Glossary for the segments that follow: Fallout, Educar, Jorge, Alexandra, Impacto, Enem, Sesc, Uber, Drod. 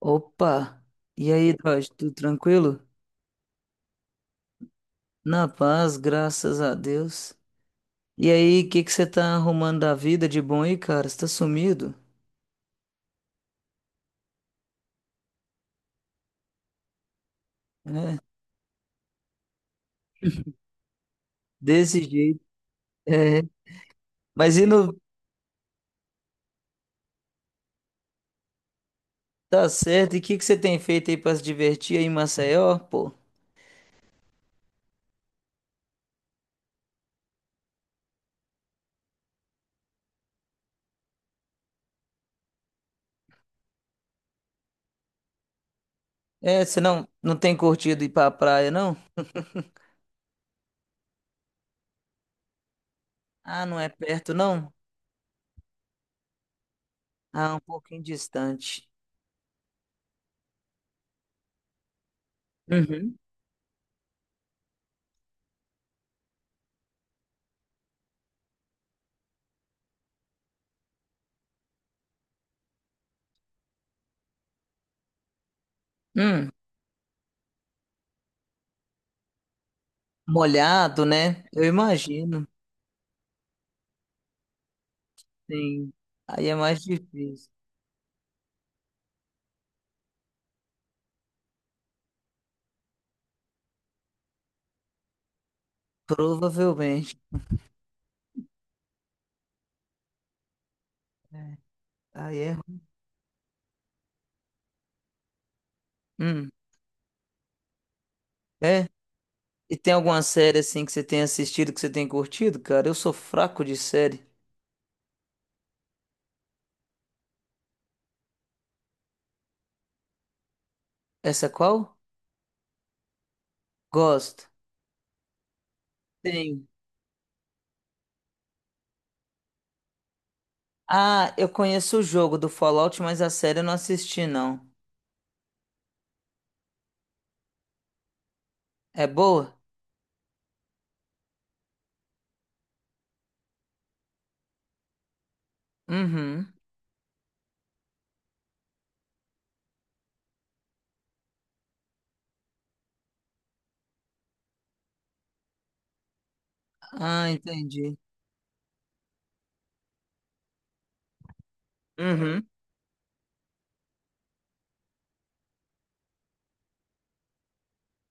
Opa! E aí, Jorge, tudo tranquilo? Na paz, graças a Deus. E aí, o que que você tá arrumando da vida de bom aí, cara? Você tá sumido? É, desse jeito. É. Mas e não tá certo? E o que que você tem feito aí pra se divertir aí em Maceió, pô? É, você não tem curtido ir pra praia, não? Ah, não é perto, não? Ah, um pouquinho distante. Uhum. Hum, molhado, né? Eu imagino. Sim. Aí é mais difícil. Provavelmente. É. Aí é. Hum, é? E tem alguma série assim que você tem assistido que você tem curtido, cara? Eu sou fraco de série. Essa qual? Gosto. Tenho. Ah, eu conheço o jogo do Fallout, mas a série eu não assisti, não. É boa? Uhum. Ah, entendi. Uhum.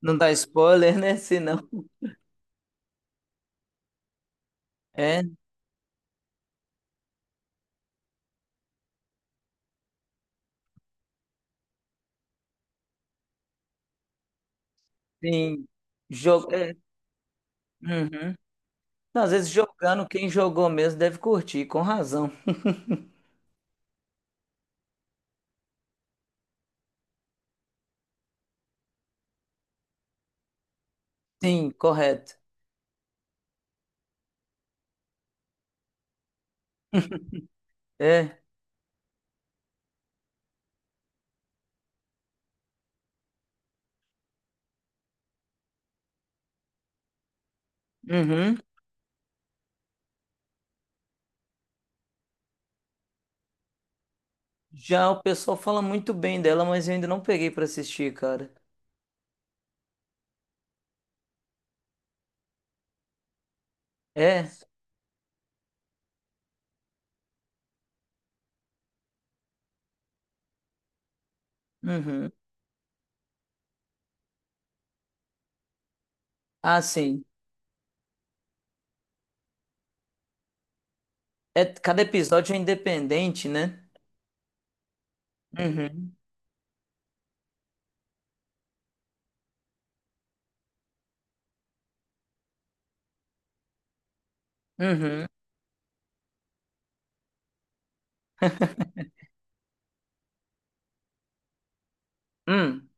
Não dá spoiler, né? Se não. É, sim. Jogo. É. Uhum. Não, às vezes jogando, quem jogou mesmo deve curtir, com razão. Sim, correto. É. Uhum. Já o pessoal fala muito bem dela, mas eu ainda não peguei pra assistir, cara. É? Uhum. Ah, sim. É, cada episódio é independente, né? Uhum. Uhum. Hum.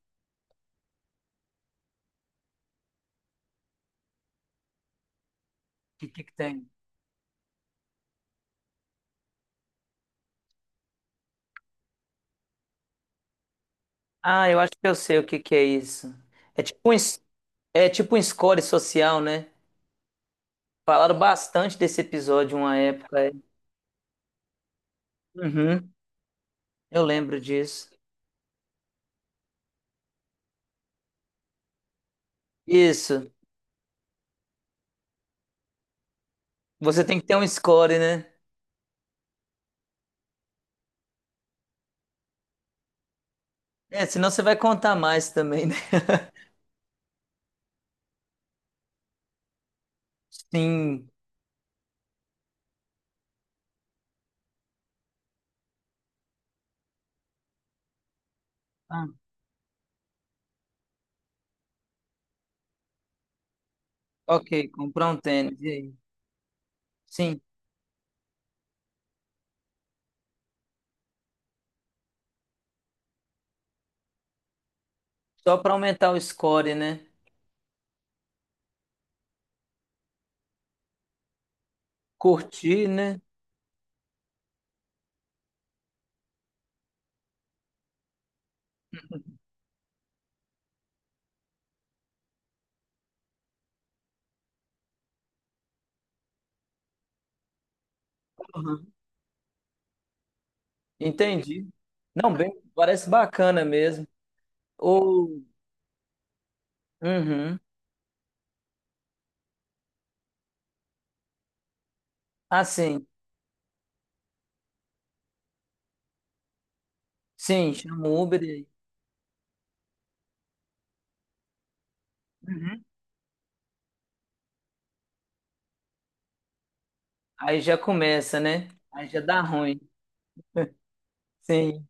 O que que tem? Ah, eu acho que eu sei o que que é isso. É tipo um, é tipo um score social, né? Falaram bastante desse episódio uma época. É. Uhum. Eu lembro disso. Isso. Você tem que ter um score, né? É, senão você vai contar mais também, né? Sim. Ah. Ok, comprar um tênis. E aí? Sim, só para aumentar o score, né? Curtir, né? Aham. Entendi. Não, bem, parece bacana mesmo. Ou, uhum. Assim, sim, sim, chama o Uber e aí. Uhum. Aí já começa, né? Aí já dá ruim. Sim,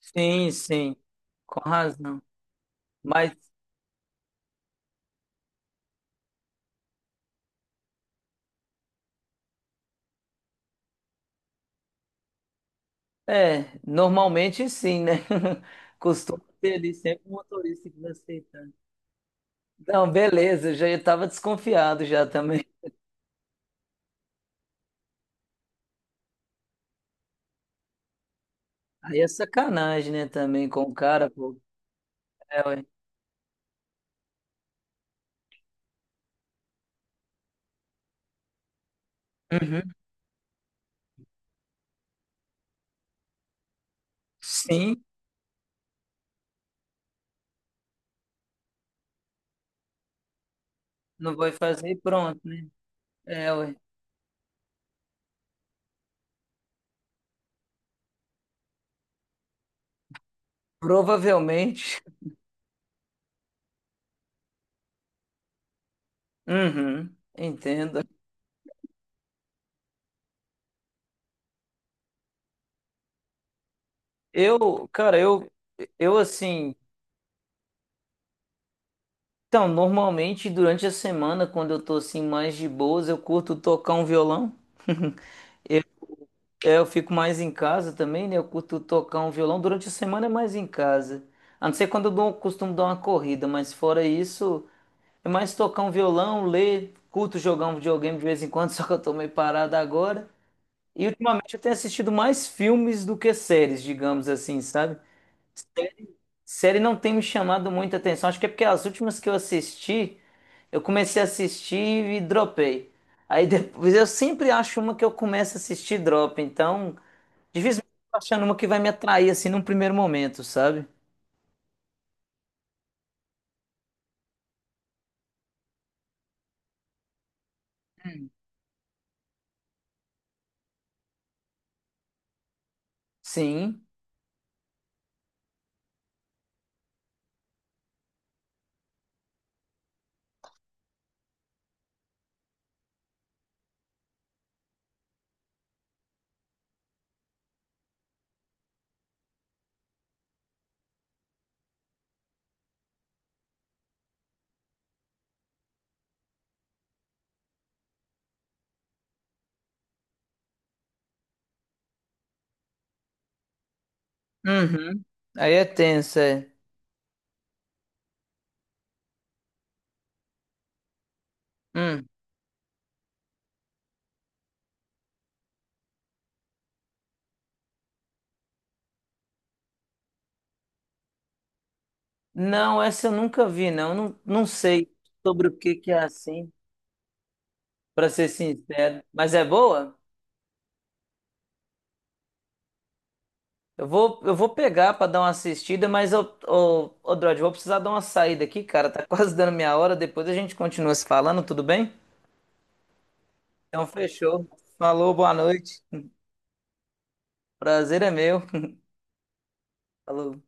sim, sim, com razão. Mas, é, normalmente sim, né? Costuma ter ali sempre um motorista que vai aceitar. Não, beleza, eu já estava desconfiado já também. Aí é sacanagem, né, também com o cara, pô. É, ué. Uhum. Sim, não vai fazer e pronto, né? É, ué. Provavelmente. Uhum, entendo. Eu, cara, eu assim. Então, normalmente durante a semana, quando eu tô assim mais de boas, eu curto tocar um violão. Eu, é, eu fico mais em casa também, né? Eu curto tocar um violão. Durante a semana é mais em casa. A não ser quando eu dou, costumo dar uma corrida, mas fora isso. É mais tocar um violão, ler, curto jogar um videogame de vez em quando, só que eu tô meio parado agora. E ultimamente eu tenho assistido mais filmes do que séries, digamos assim, sabe? Série não tem me chamado muita atenção. Acho que é porque as últimas que eu assisti, eu comecei a assistir e dropei. Aí depois eu sempre acho uma que eu começo a assistir e drop. Então, dificilmente eu tô achando uma que vai me atrair assim num primeiro momento, sabe? Hum. Sim. Uhum. Aí é tenso, é. Hum. Não, essa eu nunca vi, não. Não sei sobre o que que é assim, para ser sincero. Mas é boa? Eu vou pegar para dar uma assistida, mas eu, Drod, vou precisar dar uma saída aqui, cara. Tá quase dando minha hora. Depois a gente continua se falando, tudo bem? Então fechou. Falou, boa noite. Prazer é meu. Falou.